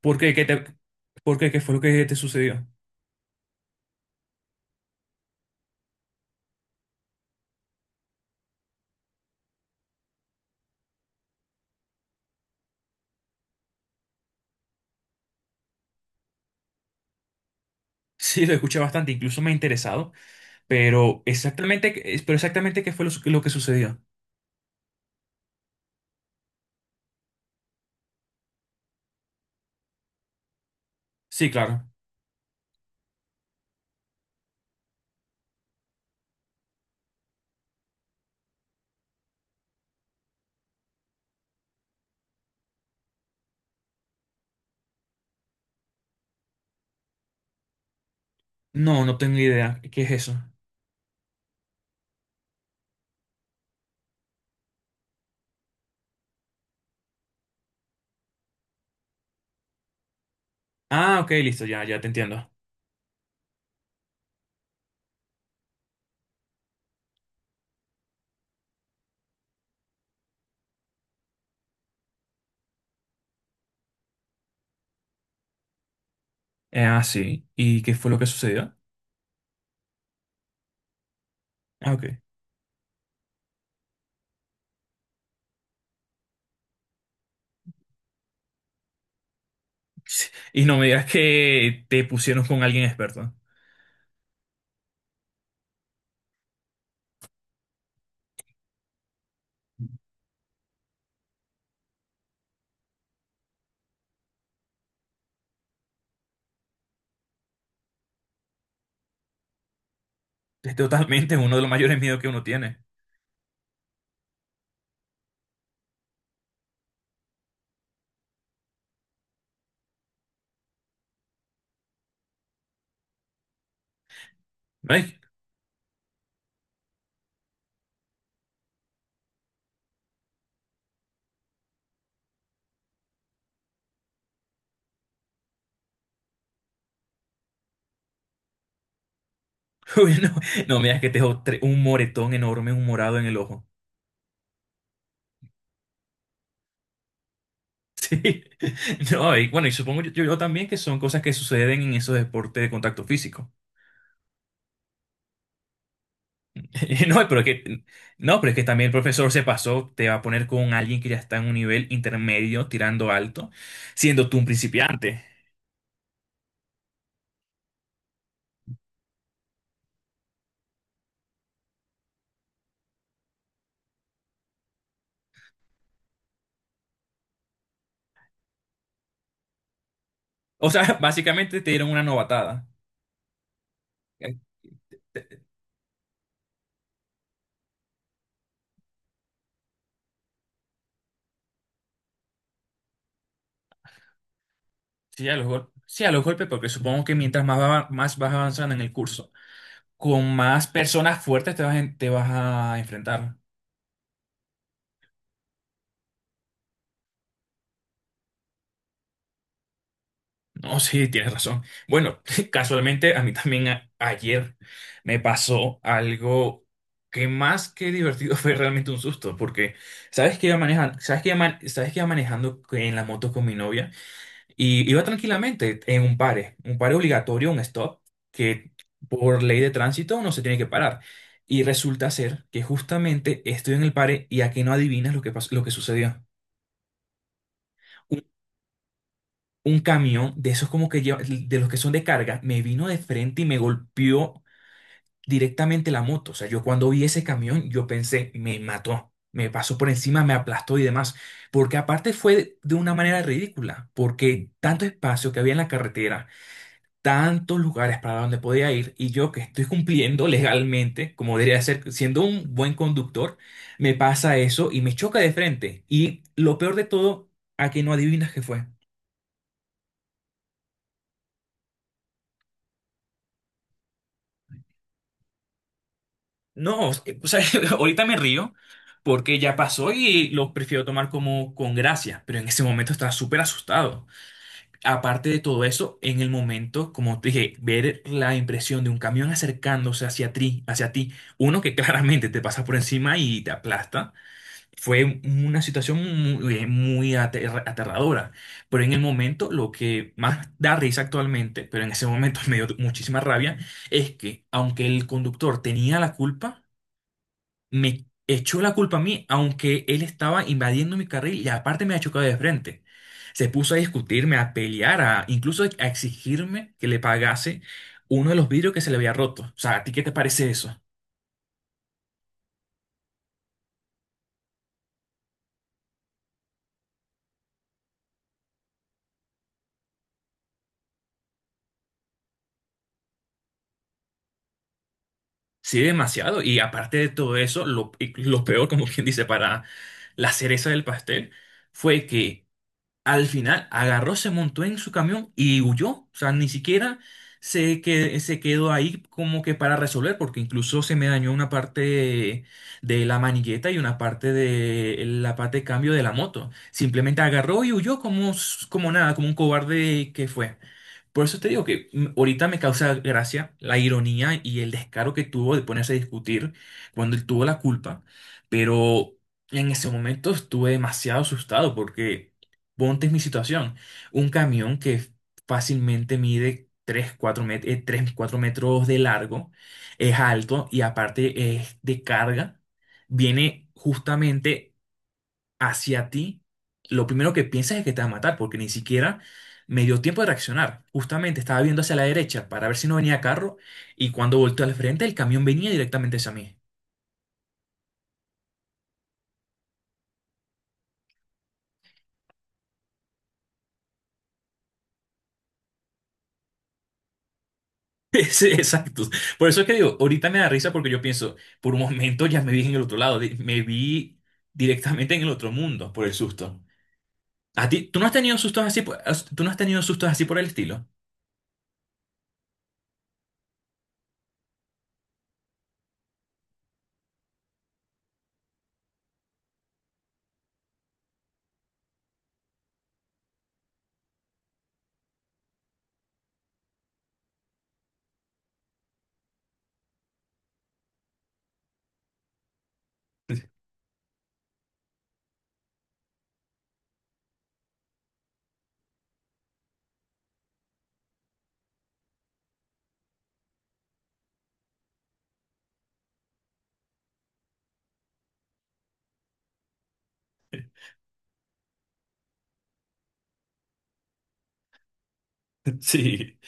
¿Por qué? ¿Qué fue lo que te sucedió? Sí, lo escuché bastante, incluso me ha interesado, pero pero exactamente qué fue lo que sucedió. Sí, claro. No, no tengo idea. ¿Qué es eso? Ah, ok, listo, ya, ya te entiendo. Sí. ¿Y qué fue lo que sucedió? Ah, ok. Sí. Y no me digas que te pusieron con alguien experto. Es totalmente uno de los mayores miedos que uno tiene. Ay, uy, no, no me digas que un moretón enorme, un morado en el ojo. Sí. No, y bueno, y supongo yo, también que son cosas que suceden en esos deportes de contacto físico. No, pero es que, no, pero es que también el profesor se pasó, te va a poner con alguien que ya está en un nivel intermedio, tirando alto, siendo tú un principiante. O sea, básicamente te dieron una novatada. Este, sí, a los golpes. Sí, a los golpes, porque supongo que más vas avanzando en el curso, con más personas fuertes te vas a enfrentar. No, sí, tienes razón. Bueno, casualmente a mí también ayer me pasó algo que más que divertido fue realmente un susto, porque sabes que iba manejando, sabes que iba manejando en la moto con mi novia y iba tranquilamente en un pare obligatorio, un stop, que por ley de tránsito no se tiene que parar. Y resulta ser que justamente estoy en el pare y a que no adivinas lo que sucedió. Un camión de esos como que lleva, de los que son de carga, me vino de frente y me golpeó directamente la moto. O sea, yo cuando vi ese camión, yo pensé, me mató, me pasó por encima, me aplastó y demás. Porque aparte fue de una manera ridícula, porque tanto espacio que había en la carretera, tantos lugares para donde podía ir, y yo que estoy cumpliendo legalmente, como debería ser, siendo un buen conductor, me pasa eso y me choca de frente. Y lo peor de todo, a que no adivinas qué fue. No, o sea, ahorita me río porque ya pasó y lo prefiero tomar como con gracia, pero en ese momento estaba súper asustado. Aparte de todo eso, en el momento, como te dije, ver la impresión de un camión acercándose hacia ti, uno que claramente te pasa por encima y te aplasta, fue una situación muy, muy aterradora. Pero en el momento, lo que más da risa actualmente, pero en ese momento me dio muchísima rabia, es que aunque el conductor tenía la culpa, me echó la culpa a mí, aunque él estaba invadiendo mi carril y aparte me ha chocado de frente. Se puso a discutirme, a pelear, a incluso a exigirme que le pagase uno de los vidrios que se le había roto. O sea, ¿a ti qué te parece eso? Sí, demasiado. Y aparte de todo eso, y lo peor, como quien dice, para la cereza del pastel, fue que al final agarró, se montó en su camión y huyó. O sea, ni siquiera se quedó ahí como que para resolver, porque incluso se me dañó una parte de la manigueta y una parte de la parte de cambio de la moto. Simplemente agarró y huyó como, como nada, como un cobarde que fue. Por eso te digo que ahorita me causa gracia la ironía y el descaro que tuvo de ponerse a discutir cuando él tuvo la culpa. Pero en ese momento estuve demasiado asustado porque... Ponte en mi situación. Un camión que fácilmente mide 3, 4 metros de largo, es alto y aparte es de carga, viene justamente hacia ti. Lo primero que piensas es que te va a matar porque ni siquiera me dio tiempo de reaccionar. Justamente estaba viendo hacia la derecha para ver si no venía carro y cuando volteó al frente el camión venía directamente hacia mí. Sí, exacto. Por eso es que digo, ahorita me da risa porque yo pienso, por un momento ya me vi en el otro lado, me vi directamente en el otro mundo por el susto. ¿A ti, tú no has tenido sustos así, por- as- ¿Tú no has tenido sustos así por el estilo? Sí,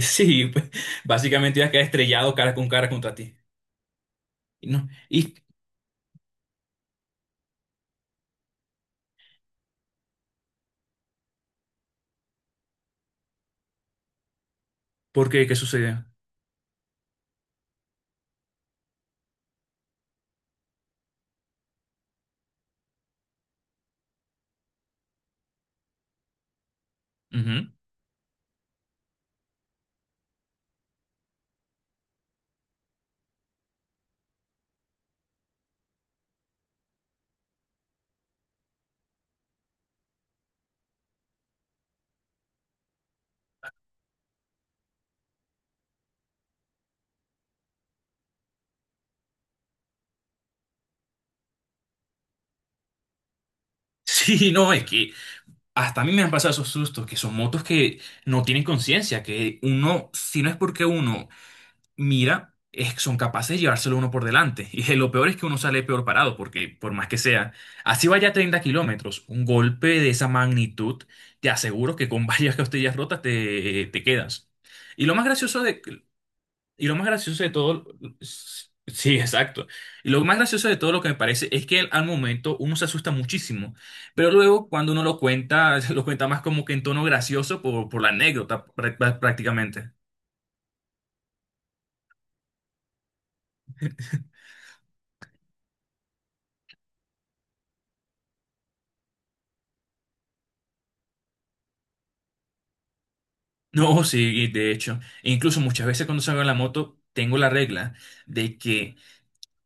sí, pues, básicamente ya quedé estrellado cara con cara contra ti. Y no, ¿y por qué? ¿Qué sucedió? Ujú. Sí, no, es que hasta a mí me han pasado esos sustos, que son motos que no tienen conciencia, que uno, si no es porque uno mira, es son capaces de llevárselo uno por delante. Y lo peor es que uno sale peor parado, porque por más que sea, así vaya a 30 kilómetros, un golpe de esa magnitud, te aseguro que con varias costillas rotas te quedas. Y lo más gracioso de, y lo más gracioso de todo, sí, exacto. Y lo más gracioso de todo lo que me parece es que al momento uno se asusta muchísimo, pero luego cuando uno lo cuenta, lo cuenta más como que en tono gracioso por la anécdota prácticamente. No, sí, de hecho, e incluso muchas veces cuando salgo en la moto, tengo la regla de que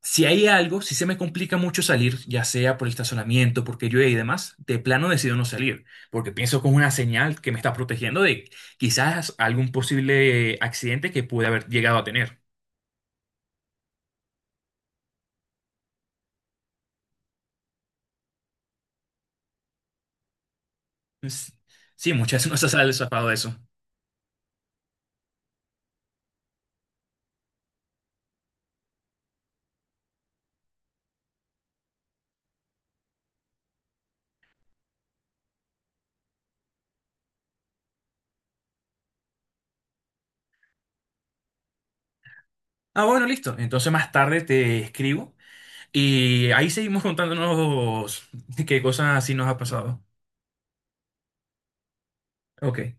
si hay algo, si se me complica mucho salir, ya sea por el estacionamiento, porque llueve y demás, de plano decido no salir, porque pienso como una señal que me está protegiendo de quizás algún posible accidente que pude haber llegado a tener. Es- sí, muchas veces no se sale zafado de eso. Ah, bueno, listo. Entonces más tarde te escribo y ahí seguimos contándonos qué cosas así nos ha pasado. Ok.